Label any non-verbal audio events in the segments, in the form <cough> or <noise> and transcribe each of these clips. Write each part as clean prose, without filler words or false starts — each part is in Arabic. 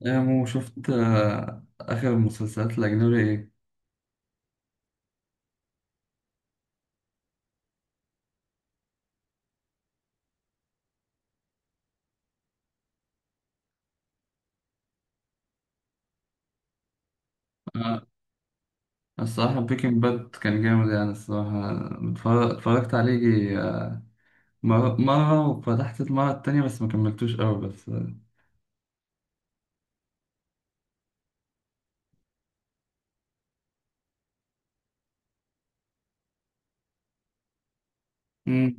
يا مو شفت آخر المسلسلات الأجنبي إيه؟ آه، الصراحة بريكنج باد كان جامد يعني الصراحة. اتفرجت عليه يجي، مرة وفتحت المرة التانية بس ما كملتوش أوي بس مم.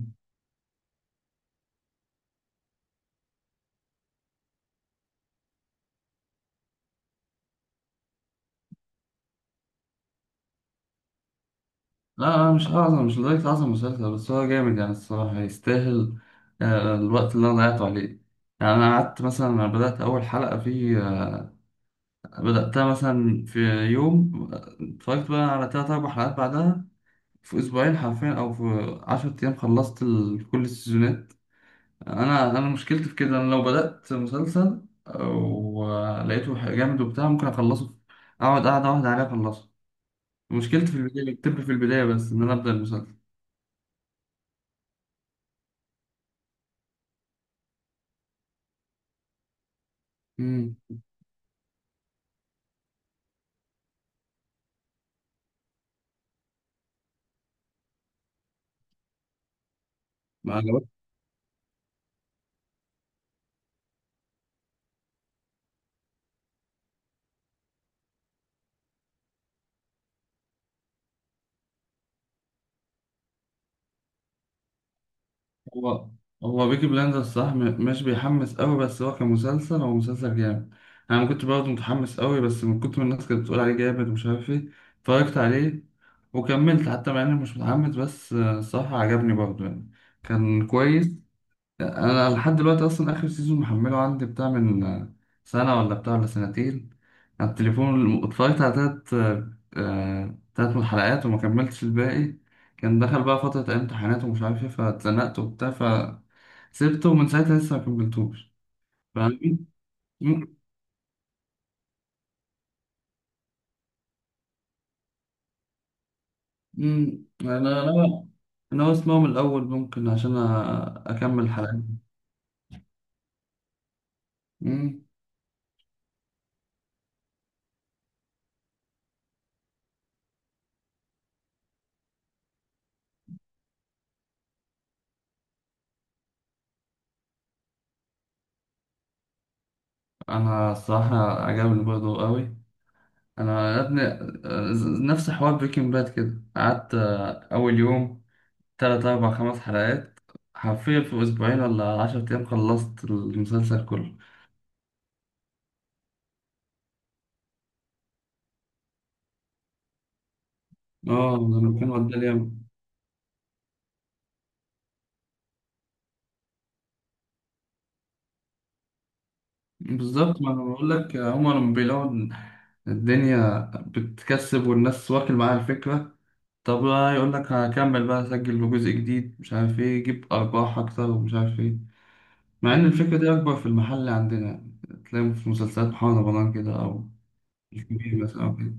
لا لا، مش أعظم، مش لدرجة أعظم مسلسل بس هو جامد يعني الصراحة يستاهل الوقت اللي أنا ضيعته عليه. يعني أنا قعدت مثلا، أنا بدأت أول حلقة فيه بدأتها مثلا في يوم، اتفرجت بقى على تلات أربع حلقات بعدها، في اسبوعين حرفيا او في 10 ايام خلصت كل السيزونات. انا مشكلتي في كده، انا لو بدأت مسلسل ولقيته جامد وبتاع ممكن اخلصه اقعد قاعدة واحدة عليه اخلصه. مشكلتي في البداية، بتبقى في البداية بس ان انا ابدأ المسلسل. امم هو هو بيكي بلاندرز صح، مش بيحمس قوي بس هو كمسلسل، هو مسلسل جامد. انا ما كنت برضه متحمس قوي بس من كتر ما الناس كانت بتقول عليه جامد ومش عارف ايه اتفرجت عليه وكملت، حتى مع اني مش متحمس، بس الصراحة عجبني برضه يعني، كان كويس. انا لحد دلوقتي اصلا اخر سيزون محمله عندي بتاع من سنه ولا بتاع ولا سنتين. على التليفون اتفرجت على تلات، تلات من الحلقات وما كملتش الباقي. كان دخل بقى فتره امتحانات ومش عارف ايه فاتزنقت وبتاع فسيبته، ومن ساعتها لسه ما كملتوش. فاهمين؟ مم، مم. انا اسمعه من الاول ممكن عشان اكمل الحلقات. مم. انا الصراحه عجبني برضه قوي. انا يا ابني، نفس حوار بريكنج باد كده، قعدت اول يوم تلات اربع خمس حلقات حرفيا، في اسبوعين ولا عشرة ايام خلصت المسلسل كله. اه لما كان وداني ياما. بالظبط، ما انا بقول لك، هما لما بيلاقوا إن الدنيا بتكسب والناس واكل معاها الفكرة، طب بقى يقول لك هكمل بقى اسجل بجزء جديد مش عارف ايه يجيب ارباح اكتر ومش عارف ايه. مع ان الفكرة دي اكبر في المحل عندنا، تلاقي في مسلسلات محمد رمضان كده او مش كبير بس اه كده.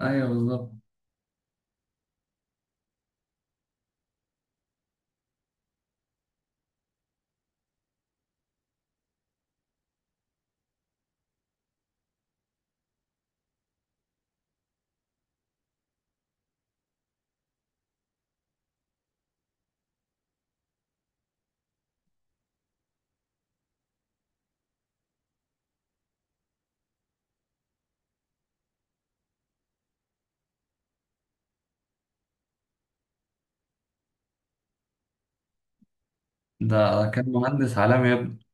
ايوه بالظبط. ده كان مهندس عالمي يا ابني.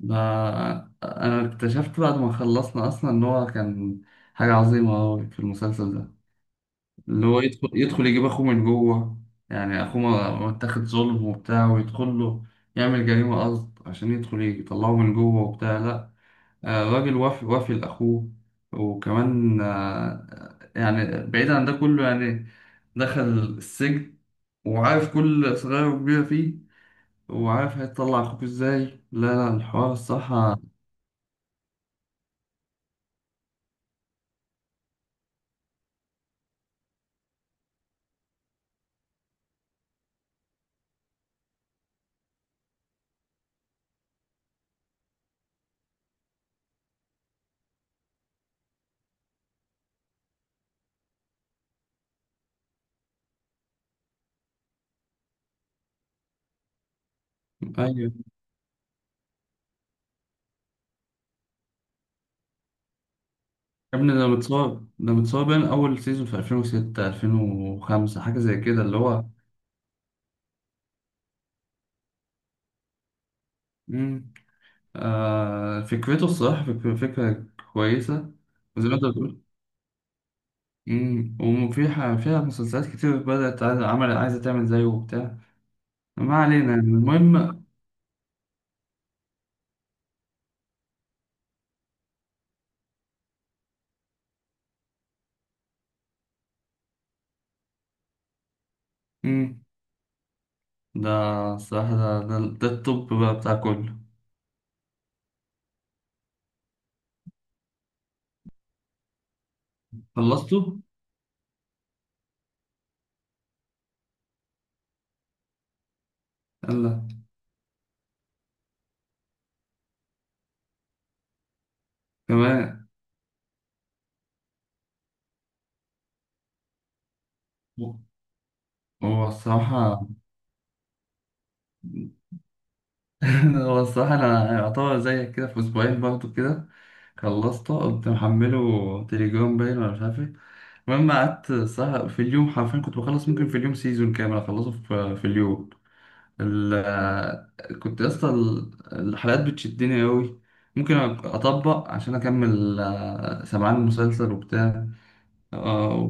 ده انا اكتشفت بعد ما خلصنا اصلا ان هو كان حاجه عظيمه أوي في المسلسل ده، اللي هو يدخل يجيب اخوه من جوه. يعني اخوه متاخد ظلم وبتاع ويدخل له يعمل جريمه قصد عشان يدخل يطلعه من جوه وبتاع، لا الراجل وافي وافي لاخوه. وكمان يعني بعيد عن ده كله يعني دخل السجن، وعارف كل صغير وكبير فيه، وعارف هيطلع اخوك ازاي. لا لا، الحوار الصراحة. ايوه يا ابني، ده متصاب، ده متصاب من اول سيزون في 2006 2005 حاجة زي كده اللي هو، مم. آه فكرته الصراحة فكرة كويسة. وزي ما انت بتقول، مم. وفي ح- فيها مسلسلات كتير بدأت عايزة عمل، عايزة تعمل زيه وبتاع، ما علينا يعني المهم. مم. ده الصراحة، ده التوب بقى بتاع كله. خلصته؟ يلا كمان. هو الصراحة <laughs> هو الصراحة أنا يعتبر زيك كده في أسبوعين برضه كده خلصته، قمت محمله تليجرام باين ولا مش عارف إيه. المهم قعدت الصراحة في اليوم حرفيا كنت بخلص، ممكن في اليوم سيزون كامل أخلصه في اليوم. كنت يا اسطى، الحلقات بتشدني أوي، ممكن أطبق عشان أكمل، سمعان المسلسل وبتاع. آه،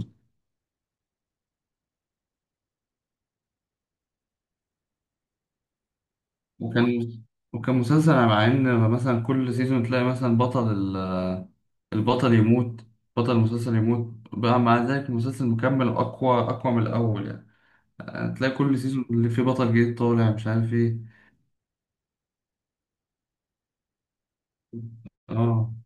وكان وكان مسلسل مع إن مثلا كل سيزون تلاقي مثلا بطل، البطل يموت، بطل المسلسل يموت بقى، مع ذلك المسلسل مكمل أقوى أقوى من الأول يعني. هتلاقي كل سيزون اللي فيه بطل جديد طالع مش عارف إيه. اه،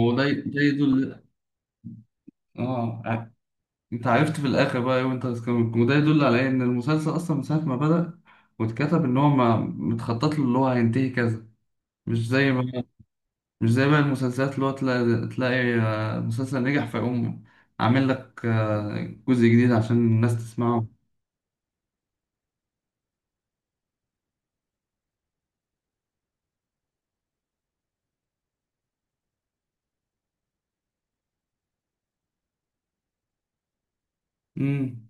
ده يدل. اه ع- انت عرفت في الاخر بقى ايه وانت بتكمل، وده يدل على ايه؟ ان المسلسل اصلا من ساعه ما بدأ واتكتب ان هو ما متخطط له اللي هو هينتهي كذا. مش زي ما مش زي بقى المسلسلات اللي هو تلاقي مسلسل نجح فيقوم عامل لك جزء جديد عشان الناس تسمعه. امم.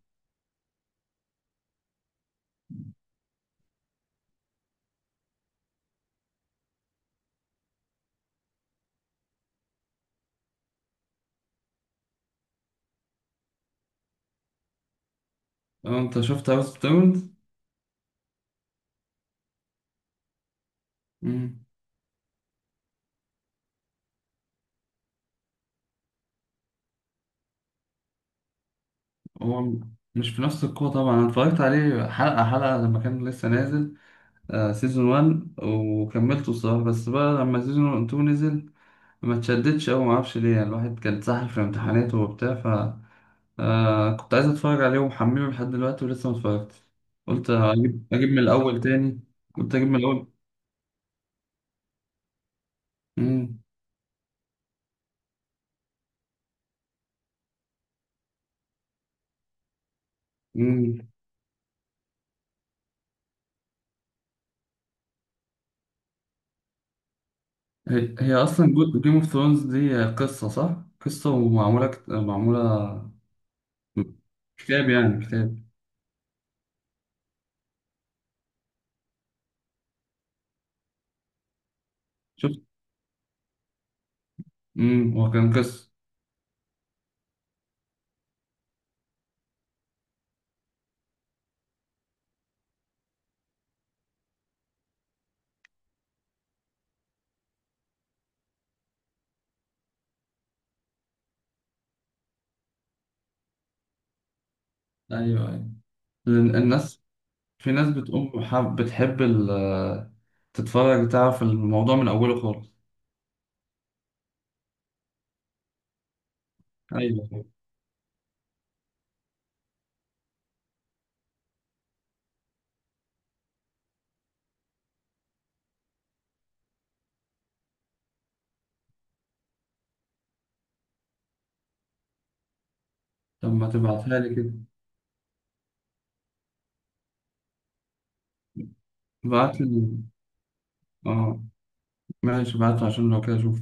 اه انت شفت هاوس اوف دايموند؟ مم. هو مش في نفس القوة طبعا، انا اتفرجت عليه حلقة حلقة لما كان لسه نازل، آه سيزون 1 وكملته الصراحة، بس بقى لما سيزون 2 نزل ما اتشدتش أوي معرفش ليه، يعني الواحد كان اتسحل في امتحاناته وبتاع، ف كنت عايز اتفرج عليه ومحمله لحد دلوقتي ولسه ما اتفرجتش. قلت اجيب من الأول تاني. قلت اجيب من الأول. مم. مم. هي اصلا جيم اوف ثرونز دي قصة صح؟ قصة ومعمولة، معمولة كتاب، يعني كتاب. شفت. هو كان قصة. ايوه ايوه. لأن الناس، في ناس بتقوم حب بتحب تتفرج تعرف الموضوع من أوله خالص. أيوه. طب ما تبعتها لي كده. بعت لي. اه ماشي، بعتها عشان لو كده أشوف.